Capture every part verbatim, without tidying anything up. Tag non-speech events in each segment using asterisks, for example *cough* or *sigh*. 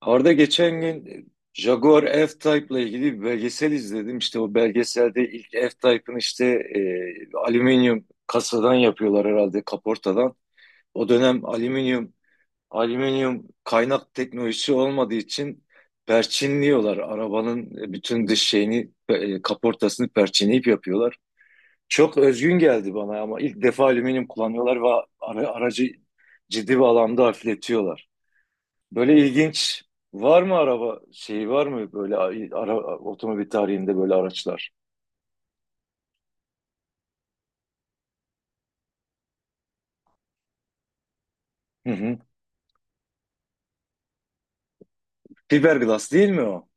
Arda, geçen gün Jaguar f type ile ilgili bir belgesel izledim. İşte o belgeselde ilk F-Type'ın işte e, alüminyum kasadan yapıyorlar herhalde kaportadan. O dönem alüminyum alüminyum kaynak teknolojisi olmadığı için perçinliyorlar. Arabanın bütün dış şeyini e, kaportasını perçinleyip yapıyorlar. Çok özgün geldi bana, ama ilk defa alüminyum kullanıyorlar ve ara- aracı ciddi bir alanda hafifletiyorlar. Böyle ilginç var mı araba şeyi var mı böyle a- ara, otomobil tarihinde böyle araçlar? Hı hı. Fiberglass değil mi o?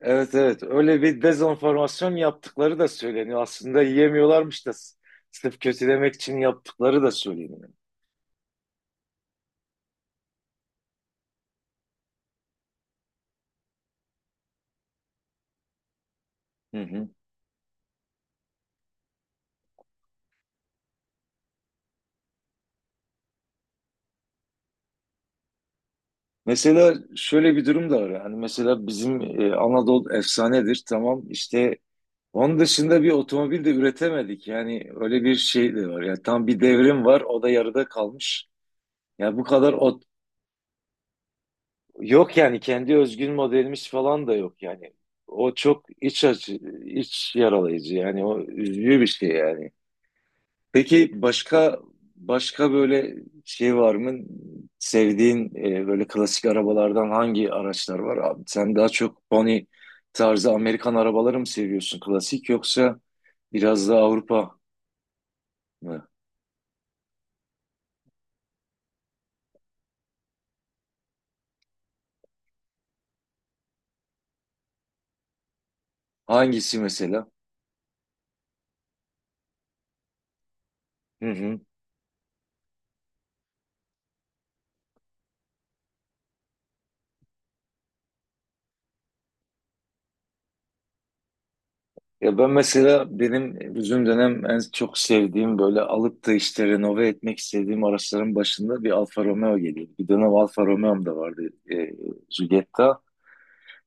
Evet, evet, öyle bir dezenformasyon yaptıkları da söyleniyor. Aslında yiyemiyorlarmış da s- sırf kötülemek için yaptıkları da söyleniyor. Hı hı. Mesela şöyle bir durum da var. Yani mesela bizim e, Anadolu efsanedir, tamam işte onun dışında bir otomobil de üretemedik. Yani öyle bir şey de var. Yani tam bir devrim var, o da yarıda kalmış. Ya bu kadar. Yok yani, kendi özgün modelimiz falan da yok yani. O çok iç acı, iç yaralayıcı yani, o üzücü bir şey yani. Peki, başka başka böyle şey var mı? Sevdiğin e, böyle klasik arabalardan hangi araçlar var abi? Sen daha çok Pony tarzı Amerikan arabaları mı seviyorsun klasik, yoksa biraz daha Avrupa mı? Hangisi mesela? Hı hı. Ya ben mesela, benim bizim dönem en çok sevdiğim böyle alıp da işte renove etmek istediğim araçların başında bir Alfa Romeo geliyordu. Bir dönem Alfa Romeo'm da vardı, e, Giulietta.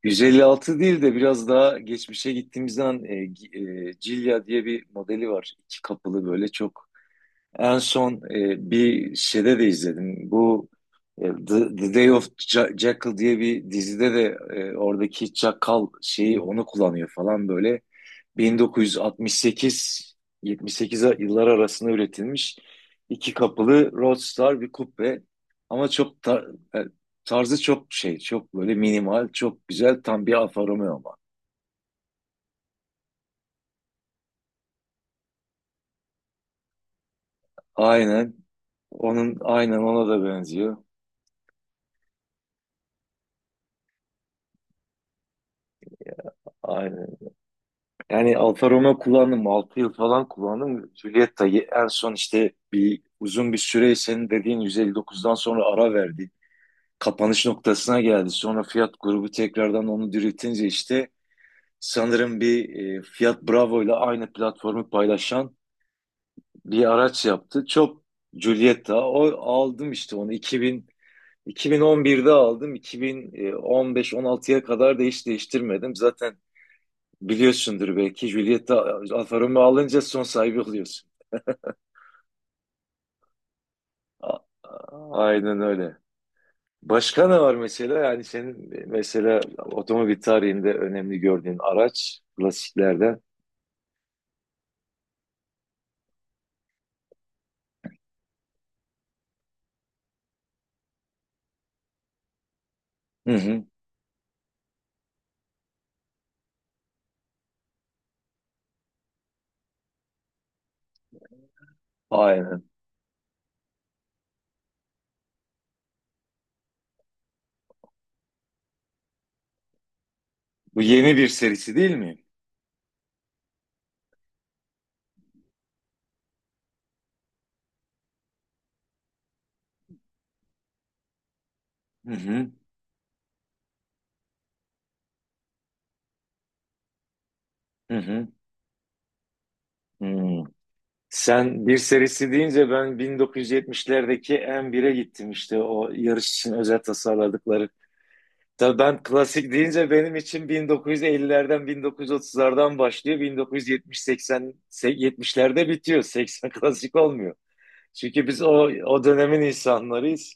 yüz elli altı değil de biraz daha geçmişe gittiğimizden e, Gi- e, Giulia diye bir modeli var. İki kapılı böyle çok. En son e, bir şeyde de izledim. Bu e, The, The Day of Ja- Jackal diye bir dizide de e, oradaki çakal şeyi onu kullanıyor falan böyle. bin dokuz yüz altmış sekiz-yetmiş sekiz yıllar arasında üretilmiş iki kapılı Roadster bir coupe. Ama çok tar- e, tarzı çok şey, çok böyle minimal, çok güzel, tam bir Alfa Romeo ama. Aynen. Onun aynen ona da benziyor. Aynen. Yani Alfa Romeo kullandım. Altı yıl falan kullandım. Giulietta'yı en son, işte bir uzun bir süre senin dediğin yüz elli dokuzdan sonra ara verdi. Kapanış noktasına geldi. Sonra Fiat grubu tekrardan onu diriltince işte sanırım bir, e, Fiat Bravo ile aynı platformu paylaşan bir araç yaptı. Çok Giulietta. O aldım işte onu 2000 iki bin on birde aldım. iki bin on beş on altıya kadar da hiç değiştirmedim. Zaten biliyorsundur belki, Giulietta Alfa Romeo alınca son sahibi oluyorsun. A- a- Aynen öyle. Başka ne var mesela? Yani senin mesela otomobil tarihinde önemli gördüğün araç klasiklerden. Hı hı. Aynen. Bu yeni bir serisi değil mi? Hı hı, hı hı, hı. Sen bir serisi deyince ben bin dokuz yüz yetmişlerdeki M bire gittim, işte o yarış için özel tasarladıkları. Tabii, ben klasik deyince benim için bin dokuz yüz ellilerden bin dokuz yüz otuzlardan başlıyor. bin dokuz yüz yetmiş-seksen, yetmişlerde bitiyor. *laughs* seksen klasik olmuyor. Çünkü biz o o dönemin insanlarıyız.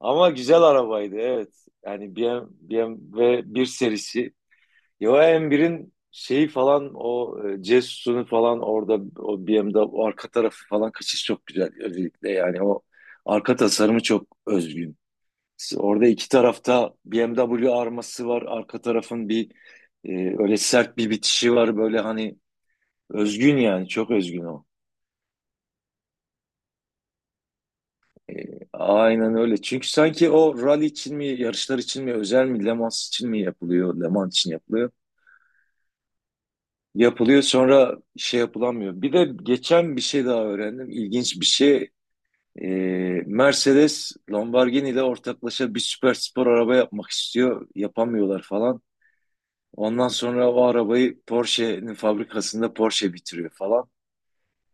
Ama güzel arabaydı, evet. Yani BM, B M W bir serisi, Johan birin şeyi falan, o e, Jesus'unu falan orada, o B M W'de o arka tarafı falan kaçış çok güzel, özellikle yani o arka tasarımı çok özgün. Orada iki tarafta B M W arması var. Arka tarafın bir, e, öyle sert bir bitişi var. Böyle hani özgün yani, çok özgün o. E, aynen öyle. Çünkü sanki o rally için mi, yarışlar için mi, özel mi, Le Mans için mi yapılıyor? Le Mans için yapılıyor. Yapılıyor sonra şey yapılamıyor. Bir de geçen bir şey daha öğrendim. İlginç bir şey. Ee, Mercedes Lamborghini ile ortaklaşa bir süper spor araba yapmak istiyor. Yapamıyorlar falan. Ondan sonra o arabayı Porsche'nin fabrikasında Porsche bitiriyor falan.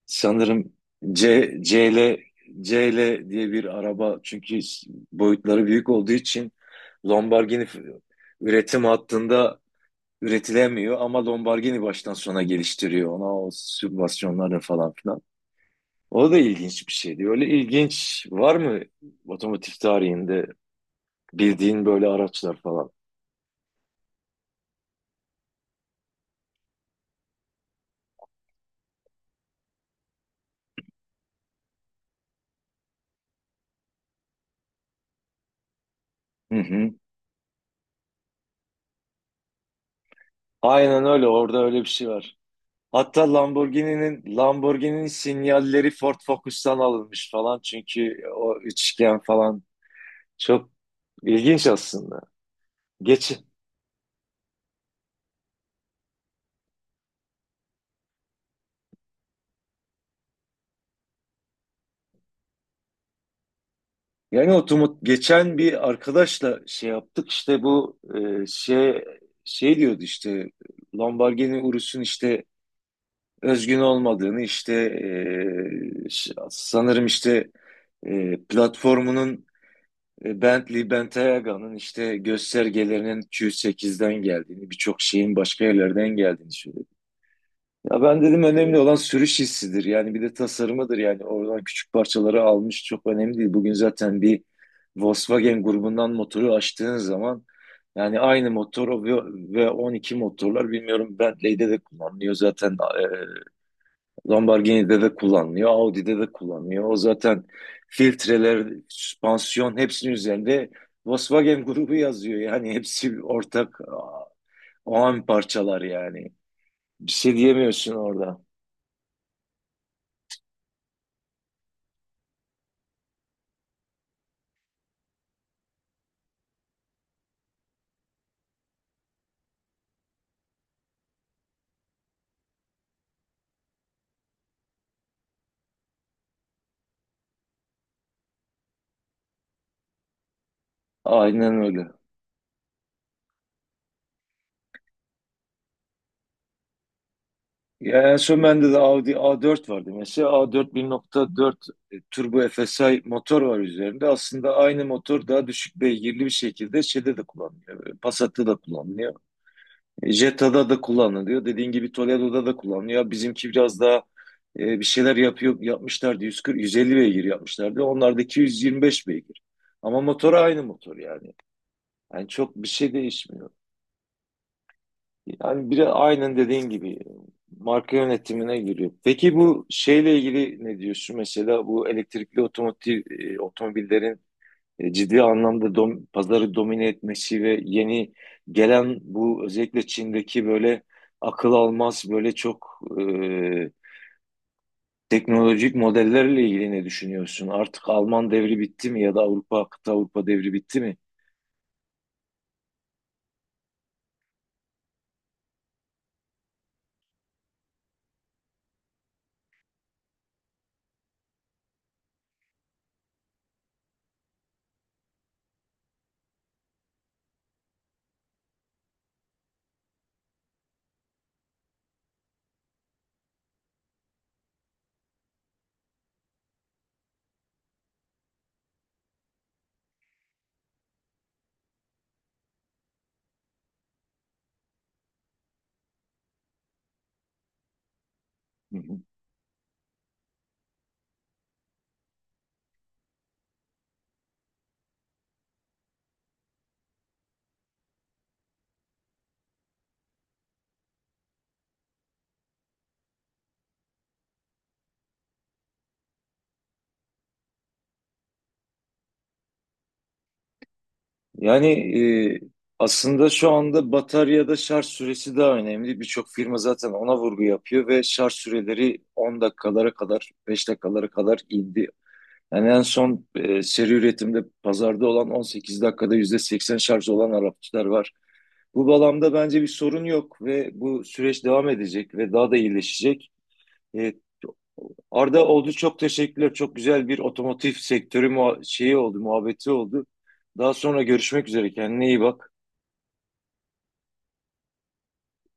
Sanırım C, CL, C L diye bir araba, çünkü boyutları büyük olduğu için Lamborghini f- üretim hattında üretilemiyor, ama Lamborghini baştan sona geliştiriyor ona, o sübvansiyonları falan filan. O da ilginç bir şeydi. Öyle ilginç var mı otomotiv tarihinde bildiğin böyle araçlar falan? Hı hı. Aynen öyle, orada öyle bir şey var. Hatta Lamborghini'nin Lamborghini'nin sinyalleri Ford Focus'tan alınmış falan, çünkü o üçgen falan çok ilginç aslında. Geç Yani otomat, geçen bir arkadaşla şey yaptık işte, bu e, şey şey diyordu işte, Lamborghini Urus'un işte özgün olmadığını, işte e, ş- sanırım işte e, platformunun, e, Bentley Bentayga'nın işte göstergelerinin Q sekizden geldiğini, birçok şeyin başka yerlerden geldiğini söylüyor. Ya ben dedim, önemli olan sürüş hissidir. Yani bir de tasarımıdır yani. Oradan küçük parçaları almış, çok önemli değil. Bugün zaten bir Volkswagen grubundan motoru açtığın zaman yani aynı motor o, ve ve on iki motorlar bilmiyorum Bentley'de de kullanılıyor zaten, e, Lamborghini'de de kullanılıyor, Audi'de de kullanılıyor. O zaten filtreler, süspansiyon, hepsinin üzerinde Volkswagen grubu yazıyor. Yani hepsi ortak o an parçalar yani. Bir şey diyemiyorsun orada. Aynen öyle. Ya en son bende de Audi A dört vardı. Mesela A dört bir nokta dört e, turbo F S I motor var üzerinde. Aslında aynı motor daha düşük beygirli bir şekilde şeyde de kullanılıyor. E, Passat'ta da kullanılıyor. E, Jetta'da da kullanılıyor. Dediğin gibi Toledo'da da kullanılıyor. Bizimki biraz daha e, bir şeyler yapıyor, yapmışlardı. yüz kırk, yüz elli beygir yapmışlardı. Onlardaki yüz yirmi beş beygir. Ama motor aynı motor yani. Yani çok bir şey değişmiyor. Yani biri aynen dediğin gibi marka yönetimine giriyor. Peki, bu şeyle ilgili ne diyorsun? Mesela bu elektrikli otomotiv, e, otomobillerin e, ciddi anlamda dom- pazarı domine etmesi ve yeni gelen bu, özellikle Çin'deki böyle akıl almaz böyle çok e, teknolojik modellerle ilgili ne düşünüyorsun? Artık Alman devri bitti mi, ya da Avrupa, kıta Avrupa devri bitti mi? Hı hı. Yani e, aslında şu anda bataryada şarj süresi daha önemli. Birçok firma zaten ona vurgu yapıyor ve şarj süreleri on dakikalara kadar, beş dakikalara kadar indi. Yani en son e, seri üretimde pazarda olan on sekiz dakikada yüzde seksen şarj olan araçlar var. Bu bağlamda bence bir sorun yok ve bu süreç devam edecek ve daha da iyileşecek. E, Arda oldu, çok teşekkürler. Çok güzel bir otomotiv sektörü muha- şeyi oldu, muhabbeti oldu. Daha sonra görüşmek üzere. Kendine iyi bak.